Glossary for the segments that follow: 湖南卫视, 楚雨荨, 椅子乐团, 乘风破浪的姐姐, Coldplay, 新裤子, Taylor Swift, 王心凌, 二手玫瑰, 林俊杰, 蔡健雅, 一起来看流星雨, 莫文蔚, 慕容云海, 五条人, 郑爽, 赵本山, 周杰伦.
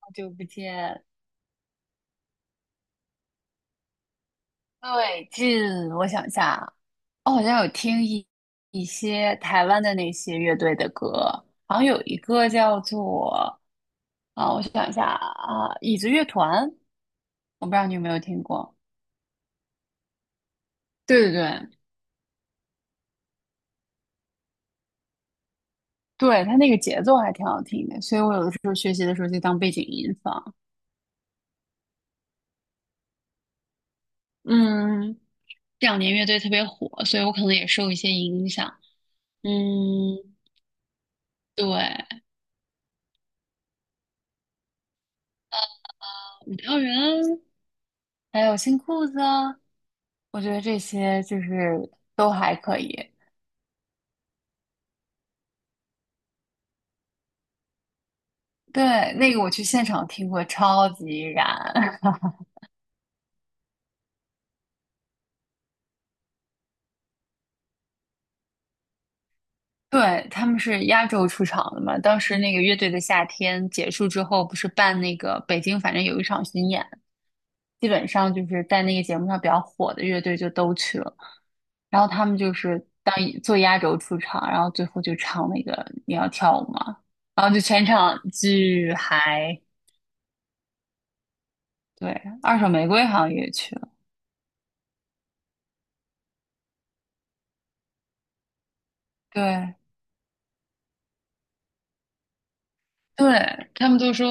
好久不见。最近我想一下，我好像有听一些台湾的那些乐队的歌。好像有一个叫做，啊，我想一下啊，椅子乐团。我不知道你有没有听过？对对对。对，它那个节奏还挺好听的，所以我有的时候学习的时候就当背景音放。嗯。这两年乐队特别火，所以我可能也受一些影响。嗯。对。五条人，还有新裤子啊，我觉得这些就是都还可以。对，那个我去现场听过，超级燃。对，他们是压轴出场的嘛，当时那个乐队的夏天结束之后，不是办那个北京，反正有一场巡演，基本上就是在那个节目上比较火的乐队就都去了，然后他们就是当做压轴出场，然后最后就唱那个《你要跳舞吗》？然后就全场巨嗨。对，二手玫瑰好像也去了。对对，他们都说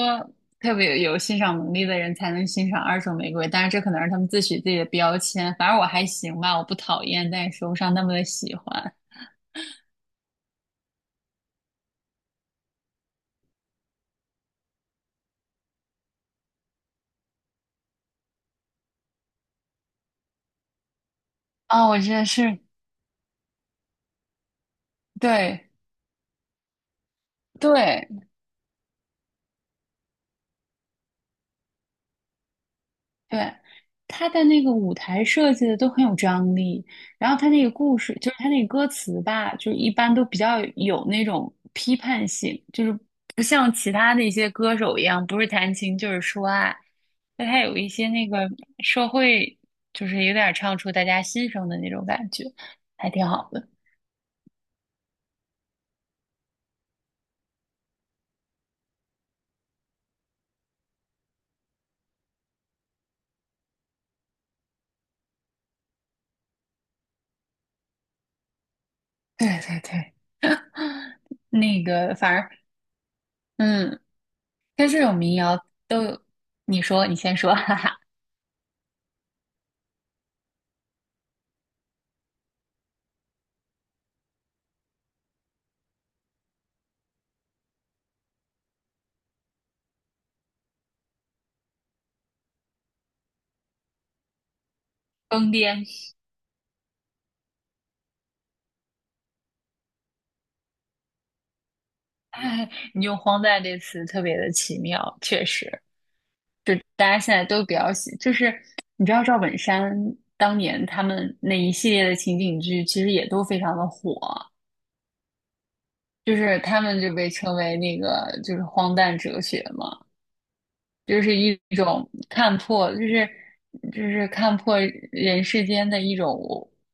特别有欣赏能力的人才能欣赏二手玫瑰，但是这可能是他们自诩自己的标签。反正我还行吧，我不讨厌，但也说不上那么的喜欢。啊，我觉得是。对对。对，他的那个舞台设计的都很有张力，然后他那个故事，就是他那个歌词吧，就是一般都比较有那种批判性，就是不像其他的一些歌手一样，不是弹琴就是说爱。但他有一些那个社会，就是有点唱出大家心声的那种感觉，还挺好的。对对对。那个反而，嗯，但这种民谣都有。你说，你先说。哈哈，疯癫。你用"荒诞"这词特别的奇妙，确实。就大家现在都比较喜，就是你知道赵本山当年他们那一系列的情景剧，其实也都非常的火，就是他们就被称为那个就是荒诞哲学嘛。就是一种看破，就是看破人世间的一种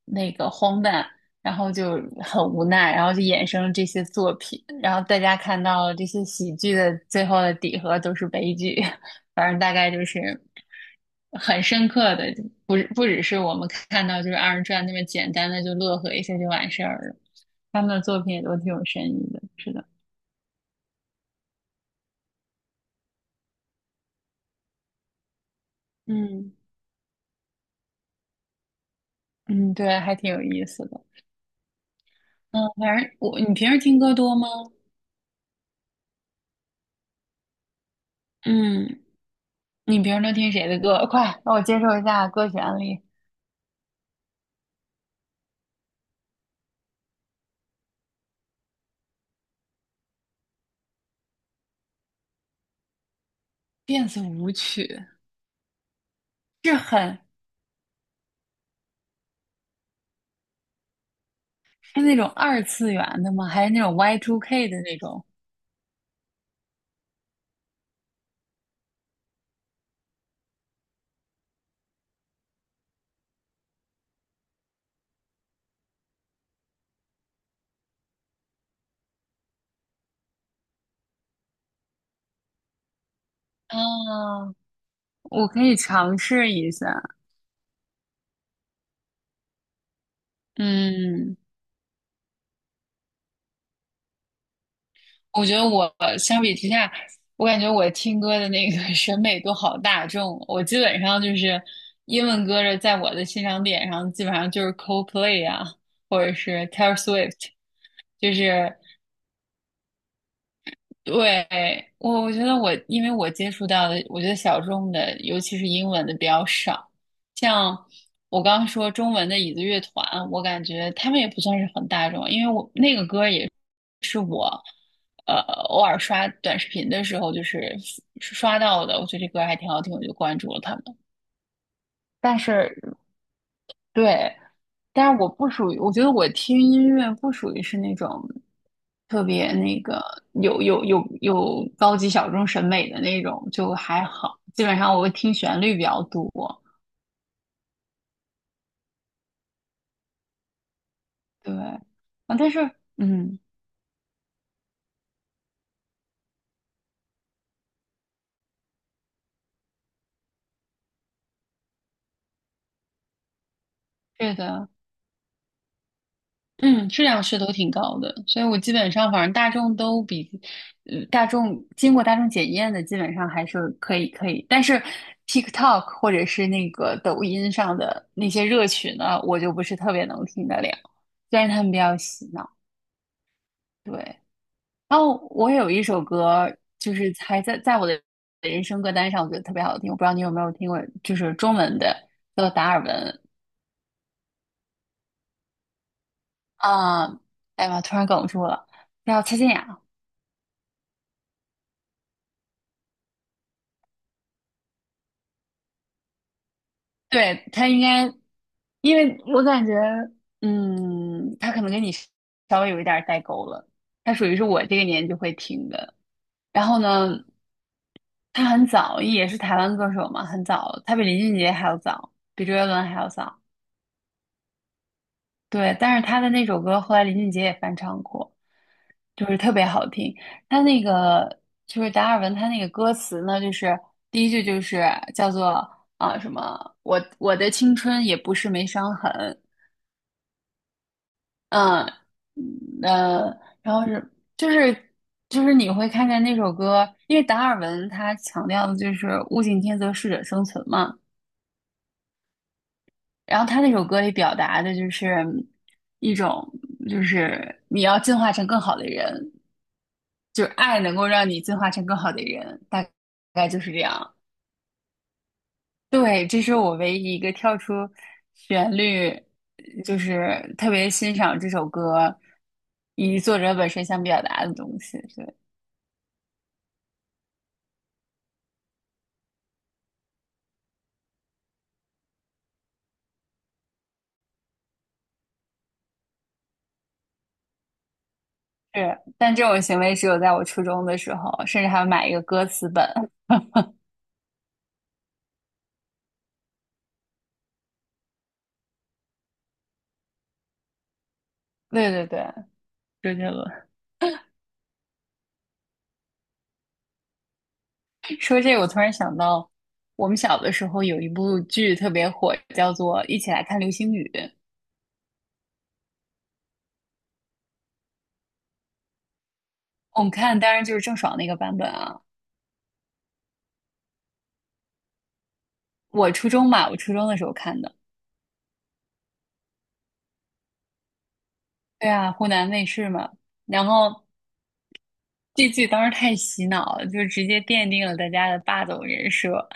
那个荒诞，然后就很无奈，然后就衍生了这些作品，然后大家看到了这些喜剧的最后的底核都是悲剧。反正大概就是很深刻的，不只是我们看到就是二人转那么简单的就乐呵一下就完事儿了，他们的作品也都挺有深意的，是的。嗯嗯。对，还挺有意思的。嗯，反正我，你平时听歌多吗？嗯。你平时都听谁的歌？快让我接受一下歌曲案例。电子舞曲是很是那种二次元的吗？还是那种 Y2K 的那种？啊，我可以尝试一下。嗯，我觉得我相比之下，我感觉我听歌的那个 审美都好大众。我基本上就是英文歌的，在我的欣赏点上，基本上就是 Coldplay 啊，或者是 Taylor Swift。就是对，我觉得我，因为我接触到的，我觉得小众的，尤其是英文的比较少。像我刚刚说中文的椅子乐团，我感觉他们也不算是很大众，因为我那个歌也是我，呃，偶尔刷短视频的时候就是刷到的，我觉得这歌还挺好听，我就关注了他们。但是对，但是我不属于，我觉得我听音乐不属于是那种特别那个有高级小众审美的那种，就还好。基本上我会听旋律比较多。对。啊，但是嗯，对的，嗯，质量是都挺高的，所以我基本上反正大众都比，嗯，大众经过大众检验的基本上还是可以可以，但是 TikTok 或者是那个抖音上的那些热曲呢，我就不是特别能听得了，虽然他们比较洗脑。对，然后我有一首歌，就是还在我的人生歌单上，我觉得特别好听，我不知道你有没有听过，就是中文的，叫做《达尔文》。啊，哎呀妈，突然哽住了，叫蔡健雅。对，他应该，因为我感觉，嗯，他可能跟你稍微有一点儿代沟了。他属于是我这个年纪会听的。然后呢，他很早，也是台湾歌手嘛，很早，他比林俊杰还要早，比周杰伦还要早。对，但是他的那首歌后来林俊杰也翻唱过，就是特别好听。他那个就是达尔文，他那个歌词呢，就是第一句就是叫做啊什么，我的青春也不是没伤痕。呃嗯，然后是就是就是你会看见那首歌，因为达尔文他强调的就是物竞天择，适者生存嘛。然后他那首歌里表达的就是一种，就是你要进化成更好的人，就是爱能够让你进化成更好的人，大概就是这样。对，这是我唯一一个跳出旋律，就是特别欣赏这首歌以及作者本身想表达的东西。对。是，但这种行为只有在我初中的时候，甚至还要买一个歌词本。对对对，周杰伦。说这个，我突然想到，我们小的时候有一部剧特别火，叫做《一起来看流星雨》。我们看，当然就是郑爽那个版本啊。我初中嘛，我初中的时候看的。对啊，湖南卫视嘛。然后这剧当时太洗脑了，就直接奠定了大家的霸总人设。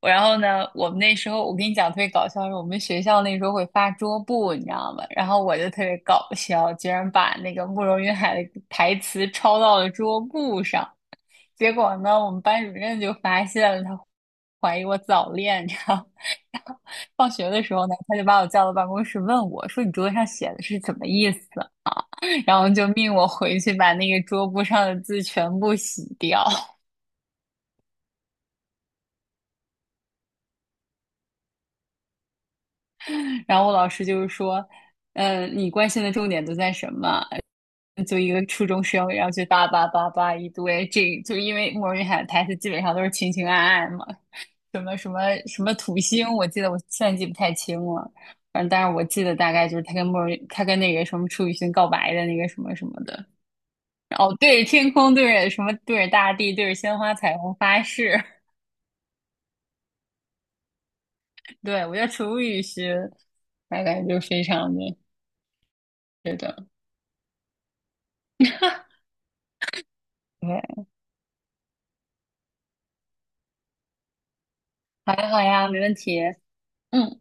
我然后呢，我们那时候我跟你讲特别搞笑，是我们学校那时候会发桌布，你知道吗？然后我就特别搞笑，居然把那个慕容云海的台词抄到了桌布上。结果呢，我们班主任就发现了，他怀疑我早恋，你知道吗？ 然后放学的时候呢，他就把我叫到办公室问我说："你桌子上写的是什么意思？" 然后就命我回去把那个桌布上的字全部洗掉。然后我老师就是说。嗯，你关心的重点都在什么？就一个初中生，然后就叭叭叭叭一堆，这就因为莫文蔚喊的台词基本上都是情情爱爱嘛，什么什么什么土星，我记得我现在记不太清了，反正但是我记得大概就是他跟莫文蔚，他跟那个什么楚雨荨告白的那个什么什么的，哦，对着天空，对着什么，对着大地，对着鲜花彩虹发誓。对，我叫楚雨荨，大概就非常的对的，对，好呀好呀，没问题，嗯。